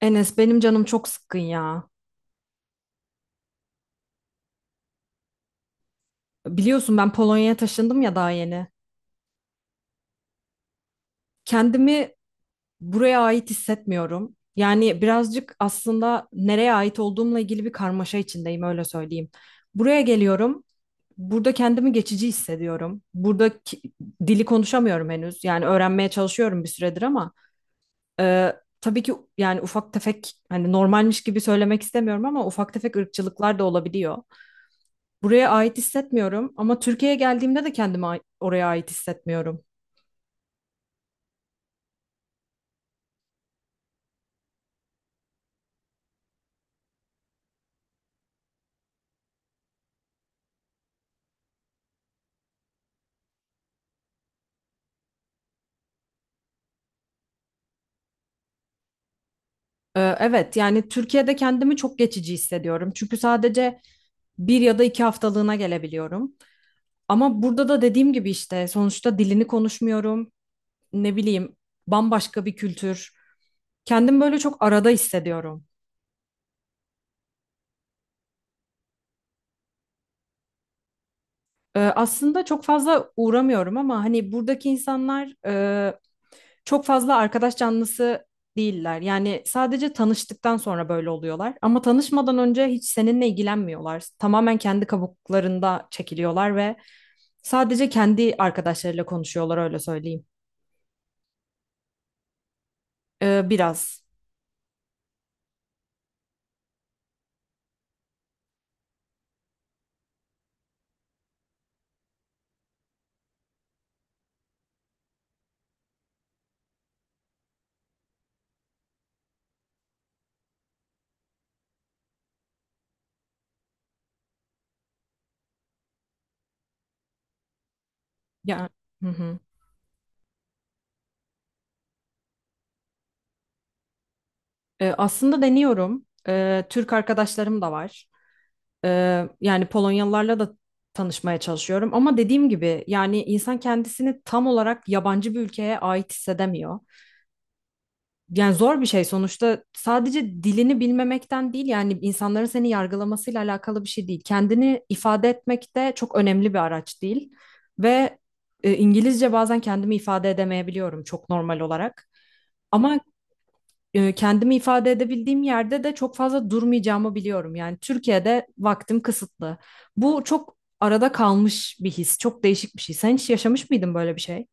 Enes benim canım çok sıkkın ya. Biliyorsun ben Polonya'ya taşındım ya daha yeni. Kendimi buraya ait hissetmiyorum. Yani birazcık aslında nereye ait olduğumla ilgili bir karmaşa içindeyim öyle söyleyeyim. Buraya geliyorum. Burada kendimi geçici hissediyorum. Dili konuşamıyorum henüz. Yani öğrenmeye çalışıyorum bir süredir ama e, tabii ki yani ufak tefek hani normalmiş gibi söylemek istemiyorum ama ufak tefek ırkçılıklar da olabiliyor. Buraya ait hissetmiyorum ama Türkiye'ye geldiğimde de oraya ait hissetmiyorum. Evet, yani Türkiye'de kendimi çok geçici hissediyorum. Çünkü sadece bir ya da iki haftalığına gelebiliyorum. Ama burada da dediğim gibi işte sonuçta dilini konuşmuyorum. Ne bileyim, bambaşka bir kültür. Kendimi böyle çok arada hissediyorum. Aslında çok fazla uğramıyorum ama hani buradaki insanlar çok fazla arkadaş canlısı değiller. Yani sadece tanıştıktan sonra böyle oluyorlar. Ama tanışmadan önce hiç seninle ilgilenmiyorlar. Tamamen kendi kabuklarında çekiliyorlar ve sadece kendi arkadaşlarıyla konuşuyorlar öyle söyleyeyim. Biraz. Ya. Hı hı. Aslında deniyorum. Türk arkadaşlarım da var. Yani Polonyalılarla da tanışmaya çalışıyorum. Ama dediğim gibi yani insan kendisini tam olarak yabancı bir ülkeye ait hissedemiyor. Yani zor bir şey sonuçta, sadece dilini bilmemekten değil, yani insanların seni yargılamasıyla alakalı bir şey değil. Kendini ifade etmek de çok önemli bir araç değil. Ve İngilizce bazen kendimi ifade edemeyebiliyorum, çok normal olarak. Ama kendimi ifade edebildiğim yerde de çok fazla durmayacağımı biliyorum. Yani Türkiye'de vaktim kısıtlı. Bu çok arada kalmış bir his, çok değişik bir şey. Sen hiç yaşamış mıydın böyle bir şey?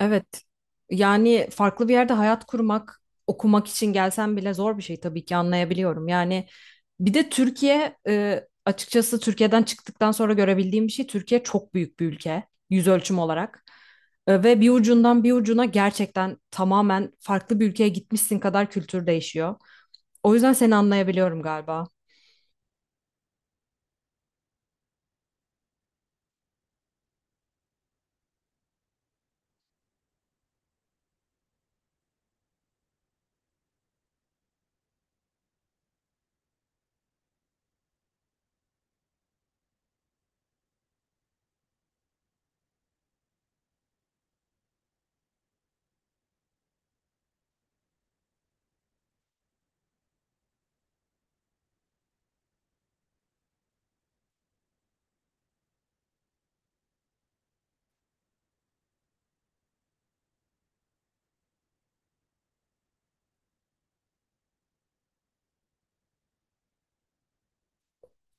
Evet. Yani farklı bir yerde hayat kurmak, okumak için gelsen bile zor bir şey, tabii ki anlayabiliyorum. Yani bir de açıkçası Türkiye'den çıktıktan sonra görebildiğim bir şey, Türkiye çok büyük bir ülke yüz ölçüm olarak. E, ve bir ucundan bir ucuna gerçekten tamamen farklı bir ülkeye gitmişsin kadar kültür değişiyor. O yüzden seni anlayabiliyorum galiba.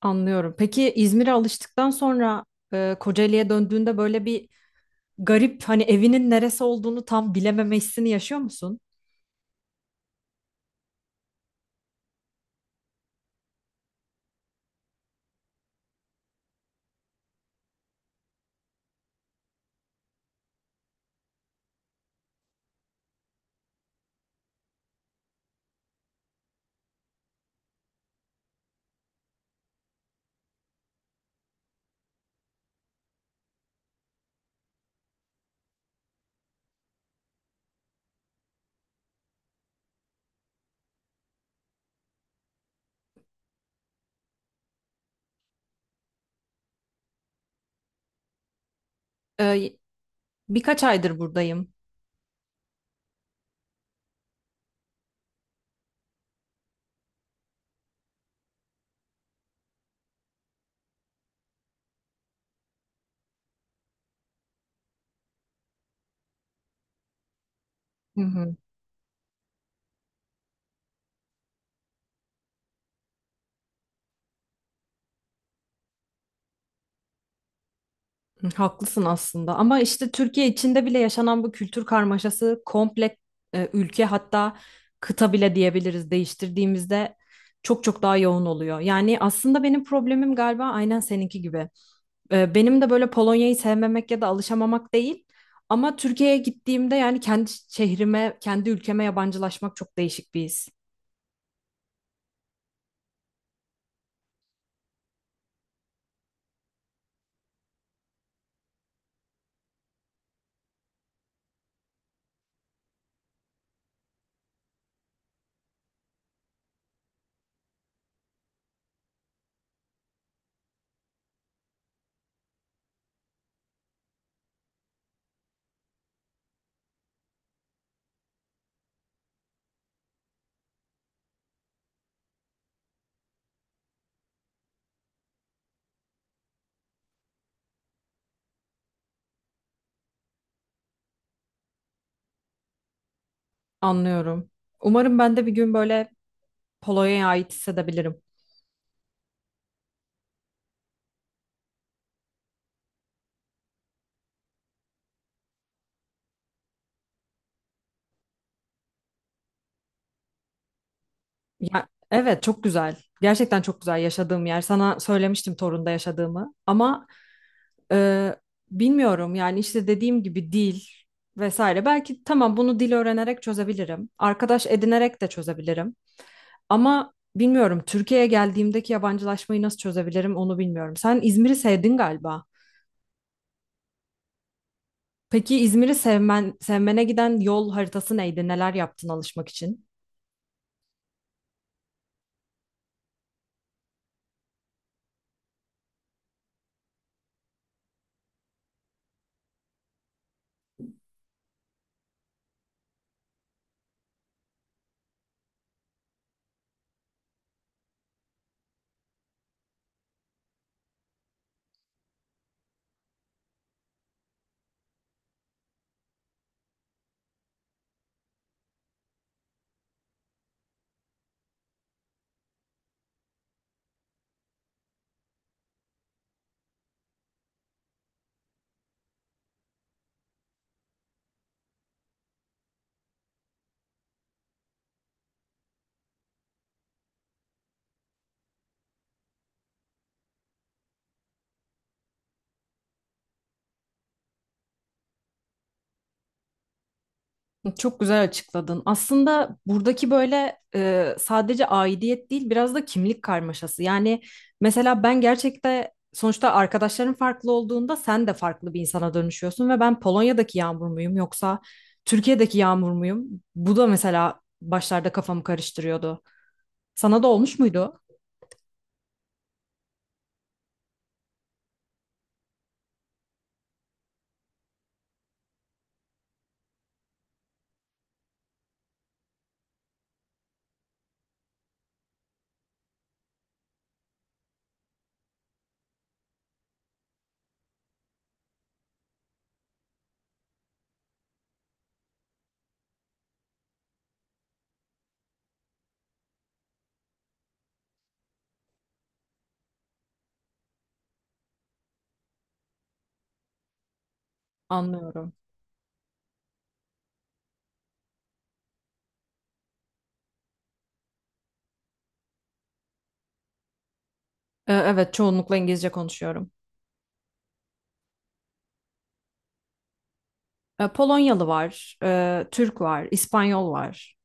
Anlıyorum. Peki İzmir'e alıştıktan sonra Kocaeli'ye döndüğünde böyle bir garip, hani evinin neresi olduğunu tam bilememe hissini yaşıyor musun? E, Birkaç aydır buradayım. Hı hı. Hı, haklısın aslında, ama işte Türkiye içinde bile yaşanan bu kültür karmaşası komple ülke, hatta kıta bile diyebiliriz, değiştirdiğimizde çok çok daha yoğun oluyor. Yani aslında benim problemim galiba aynen seninki gibi. E, benim de böyle Polonya'yı sevmemek ya da alışamamak değil. Ama Türkiye'ye gittiğimde yani kendi şehrime, kendi ülkeme yabancılaşmak çok değişik bir his. Anlıyorum. Umarım ben de bir gün böyle Polonya'ya ait hissedebilirim. Ya, evet, çok güzel. Gerçekten çok güzel yaşadığım yer. Sana söylemiştim Torun'da yaşadığımı. Ama e, bilmiyorum, yani işte dediğim gibi dil vesaire. Belki tamam, bunu dil öğrenerek çözebilirim. Arkadaş edinerek de çözebilirim. Ama bilmiyorum, Türkiye'ye geldiğimdeki yabancılaşmayı nasıl çözebilirim onu bilmiyorum. Sen İzmir'i sevdin galiba. Peki İzmir'i sevmene giden yol haritası neydi? Neler yaptın alışmak için? Çok güzel açıkladın. Aslında buradaki böyle sadece aidiyet değil, biraz da kimlik karmaşası. Yani mesela ben gerçekten sonuçta arkadaşların farklı olduğunda sen de farklı bir insana dönüşüyorsun ve ben Polonya'daki Yağmur muyum yoksa Türkiye'deki Yağmur muyum? Bu da mesela başlarda kafamı karıştırıyordu. Sana da olmuş muydu? Anlıyorum. Evet, çoğunlukla İngilizce konuşuyorum. Polonyalı var, Türk var, İspanyol var.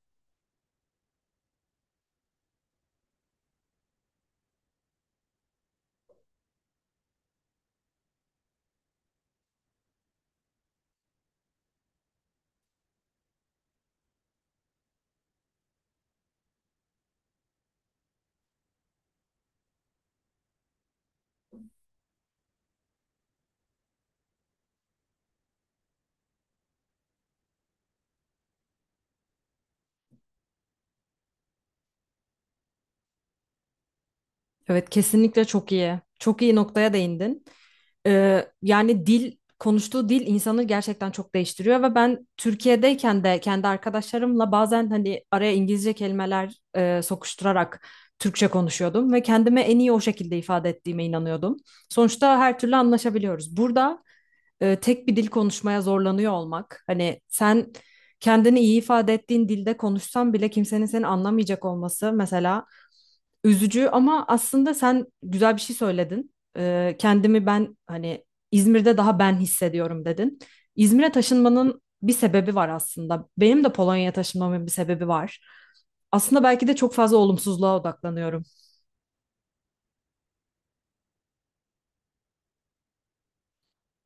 Evet, kesinlikle çok iyi. Çok iyi noktaya değindin. Yani dil, konuştuğu dil insanı gerçekten çok değiştiriyor ve ben Türkiye'deyken de kendi arkadaşlarımla bazen hani araya İngilizce kelimeler sokuşturarak Türkçe konuşuyordum ve kendime en iyi o şekilde ifade ettiğime inanıyordum. Sonuçta her türlü anlaşabiliyoruz. Burada tek bir dil konuşmaya zorlanıyor olmak. Hani sen kendini iyi ifade ettiğin dilde konuşsan bile kimsenin seni anlamayacak olması mesela üzücü, ama aslında sen güzel bir şey söyledin. E, kendimi ben hani İzmir'de daha ben hissediyorum dedin. İzmir'e taşınmanın bir sebebi var aslında. Benim de Polonya'ya taşınmamın bir sebebi var. Aslında belki de çok fazla olumsuzluğa odaklanıyorum.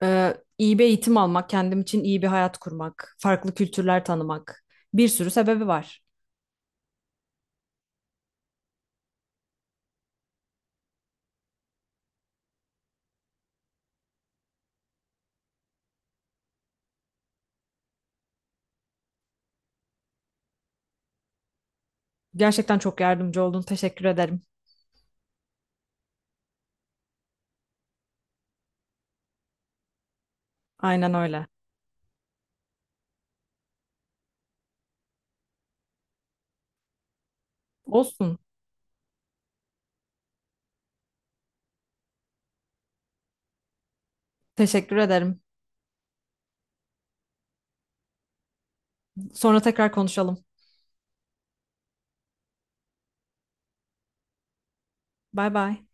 İyi bir eğitim almak, kendim için iyi bir hayat kurmak, farklı kültürler tanımak, bir sürü sebebi var. Gerçekten çok yardımcı oldun. Teşekkür ederim. Aynen öyle. Olsun. Teşekkür ederim. Sonra tekrar konuşalım. Bay bay.